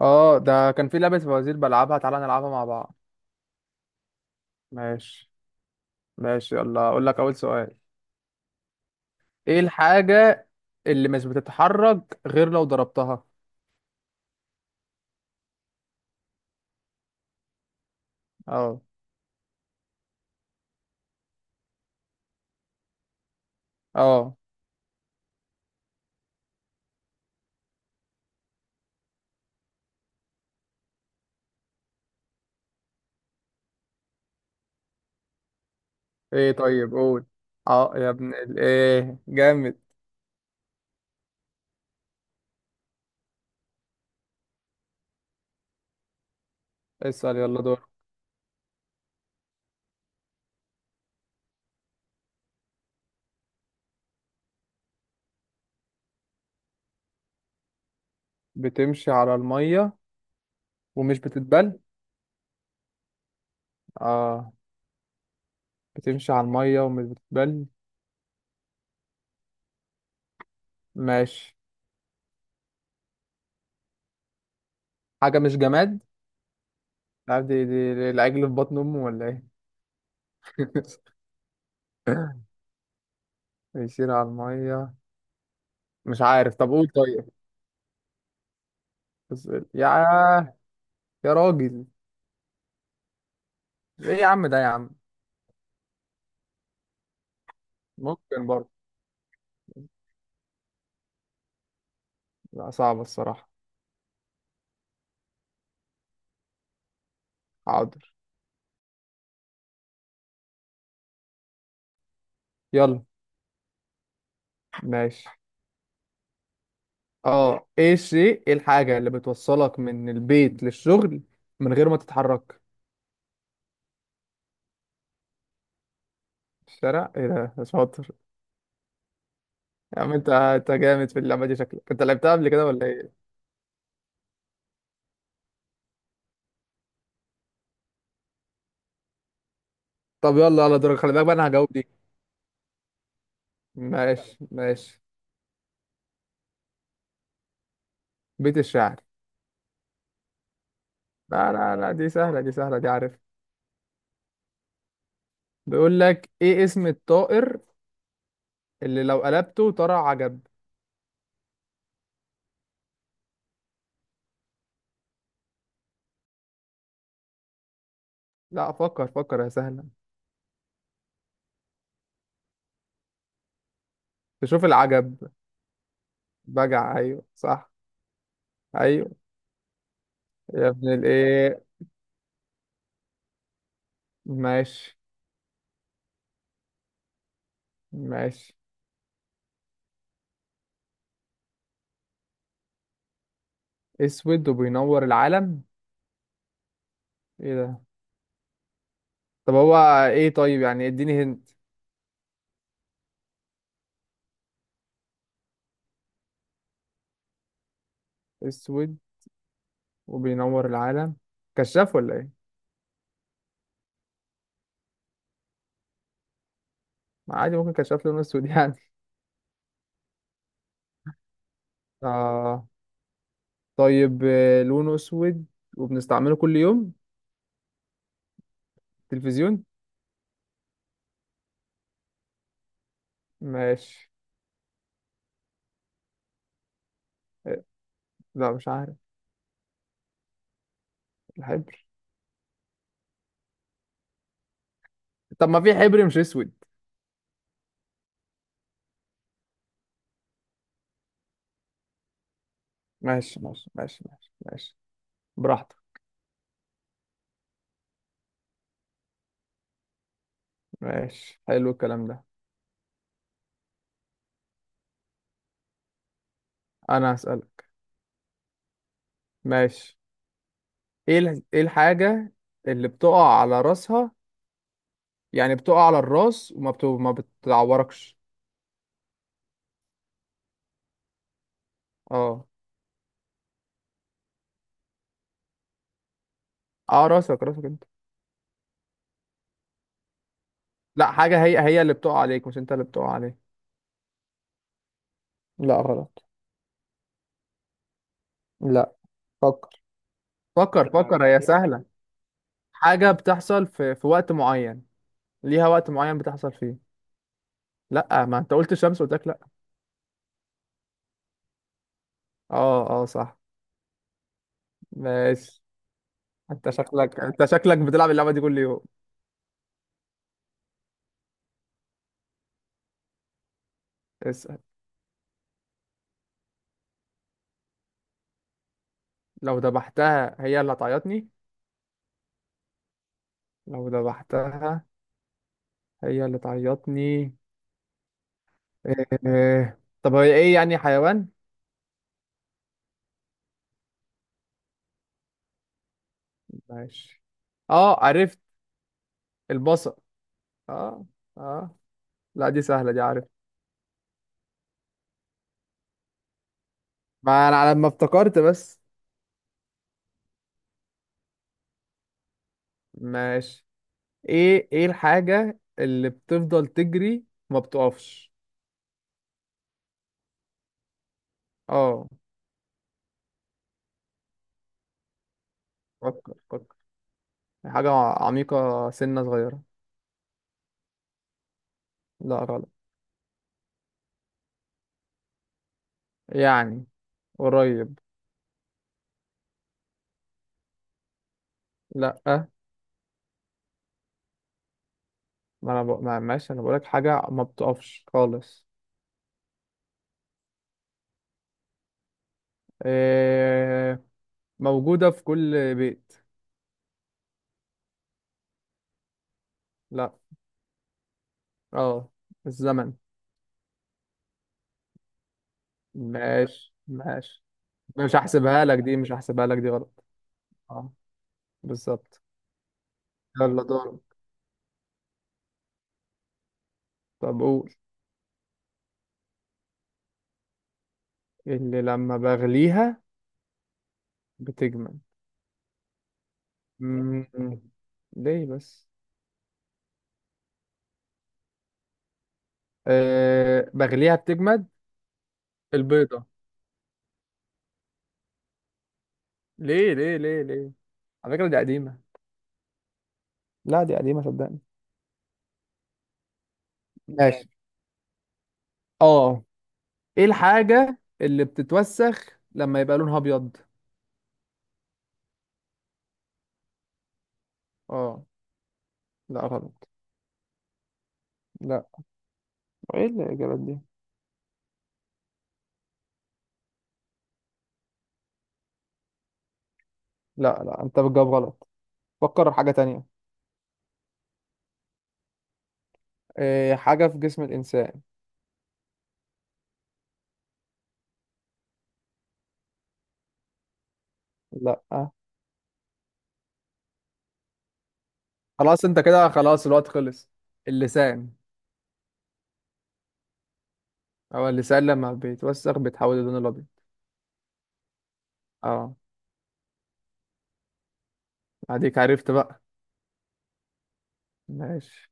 اه ده كان في لعبة فوازير بلعبها، تعالى نلعبها مع بعض. ماشي. ماشي اقول لك اول سؤال. ايه الحاجة اللي مش بتتحرك غير لو ضربتها؟ اه. اه. ايه؟ طيب قول. اه يا ابن ايه جامد. اسأل يلا دور. بتمشي على المية ومش بتتبل؟ اه. بتمشي على المية ومش بتتبل. ماشي. حاجة مش جماد؟ لا، دي العجل في بطن امه ولا ايه؟ بيسير على المية، مش عارف، طب قول طيب. بس. يا يا راجل. ايه يا عم؟ ده يا عم ممكن برضه. لا صعبة الصراحة. حاضر. يلا. ماشي. اه ايه الشيء، ايه الحاجة اللي بتوصلك من البيت للشغل من غير ما تتحرك؟ الشارع؟ ايه ده؟ شاطر. يا عم انت، انت جامد في اللعبة دي، شكلك انت لعبتها قبل كده ولا ايه؟ طب يلا على دورك، خلي بالك بقى انا هجاوب دي. ماشي ماشي. بيت الشعر. لا لا لا، دي سهلة دي سهلة دي عارف. بيقول لك ايه اسم الطائر اللي لو قلبته طلع عجب؟ لا فكر فكر، يا سهلة. تشوف العجب. بجع؟ أيوه صح. أيوه. يا ابن الإيه. ماشي ماشي. أسود وبينور العالم؟ إيه ده؟ طب هو إيه؟ طيب يعني إديني هنت. أسود وبينور العالم، كشاف ولا إيه؟ ما عادي ممكن كشاف لونه أسود يعني. آه. طيب آه، لونه أسود وبنستعمله كل يوم. تلفزيون؟ ماشي. إيه، لا مش عارف. الحبر؟ طب ما في حبر مش أسود. ماشي ماشي. براحتك. ماشي، حلو الكلام ده. انا هسألك. ماشي. ايه ايه الحاجة اللي بتقع على راسها، يعني بتقع على الراس ما بتعوركش؟ اه. اه راسك، راسك انت. لا حاجة هي هي اللي بتقع عليك، مش انت اللي بتقع عليك. لا غلط. لا فكر فكر. لا فكر، هي هي سهلة. حاجة بتحصل في وقت معين، ليها وقت معين بتحصل فيه. لا ما انت قلت الشمس قلت لك لا. اه اه صح. ماشي. انت هي، شكلك انت شكلك بتلعب اللعبة دي كل يوم. اسأل. لو ذبحتها هي اللي هتعيطني؟ لو ذبحتها هي اللي تعيطني. إيه. طب هي ايه؟ يعني حيوان؟ ماشي. اه عرفت. البصل. اه. اه. لا دي سهلة دي عارف. ما انا على ما افتكرت بس. ماشي. ايه الحاجة اللي بتفضل تجري وما بتقفش؟ اه. فكر فكر. حاجة عميقة، سنة صغيرة. لا غلط. يعني قريب. لا ما ماشي، انا بقولك حاجة ما بتقفش خالص. إيه... موجودة في كل بيت. لا. اه الزمن. ماشي ماشي. مش هحسبها لك دي، مش هحسبها لك دي غلط. اه بالظبط. يلا دور. طب قول. اللي لما بغليها بتجمد؟ مم. ليه بس؟ إيه... بغليها بتجمد. البيضة. ليه ليه ليه ليه؟ على فكرة دي قديمة. لا دي قديمة صدقني. ماشي. اه ايه الحاجة اللي بتتوسخ لما يبقى لونها ابيض؟ اه. لا غلط. لا ايه الاجابات دي؟ لا لا انت بتجاوب غلط، فكر في حاجة تانية. إيه حاجة في جسم الانسان. لا. خلاص انت كده، خلاص الوقت خلص. اللسان. هو اللسان لما بيتوسخ بيتحول للون الابيض. اه. اديك عرفت بقى. ماشي.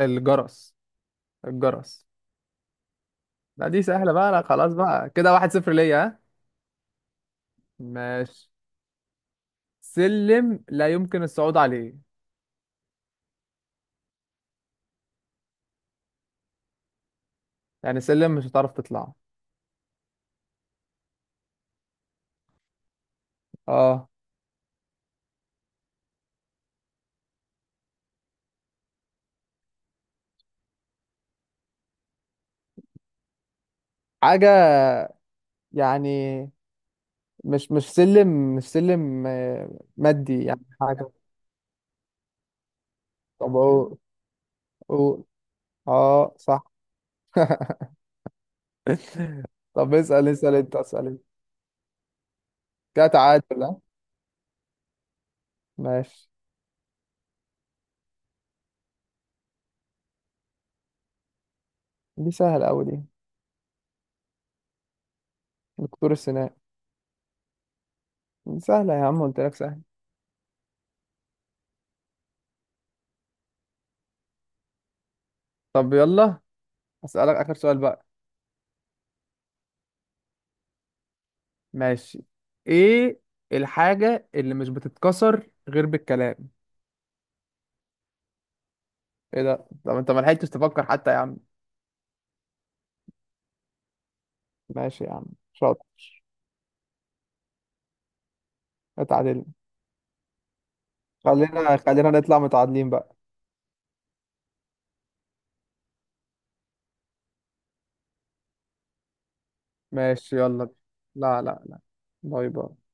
الجرس. الجرس. لا دي سهلة بقى، لا خلاص بقى كده واحد صفر ليا، ها. ماشي. سلم لا يمكن الصعود عليه. يعني سلم مش هتعرف تطلعه. اه. حاجة يعني، مش مش سلم، مش سلم آه، مادي يعني حاجة. طب أقول. أقول. اه صح. طب اسأل اسأل انت، اسأل انت. كده تعادل ها؟ ماشي. دي سهلة أوي دي. دكتور السنان. دي سهلة يا عم، قلت لك سهلة. طب يلا أسألك آخر سؤال بقى. ماشي. ايه الحاجة اللي مش بتتكسر غير بالكلام؟ ايه ده؟ طب انت ما لحقتش تفكر حتى يا عم. ماشي يا عم. شاطر. اتعادل. خلينا خلينا نطلع متعادلين بقى. ماشي يلا بينا. لا لا لا. باي باي.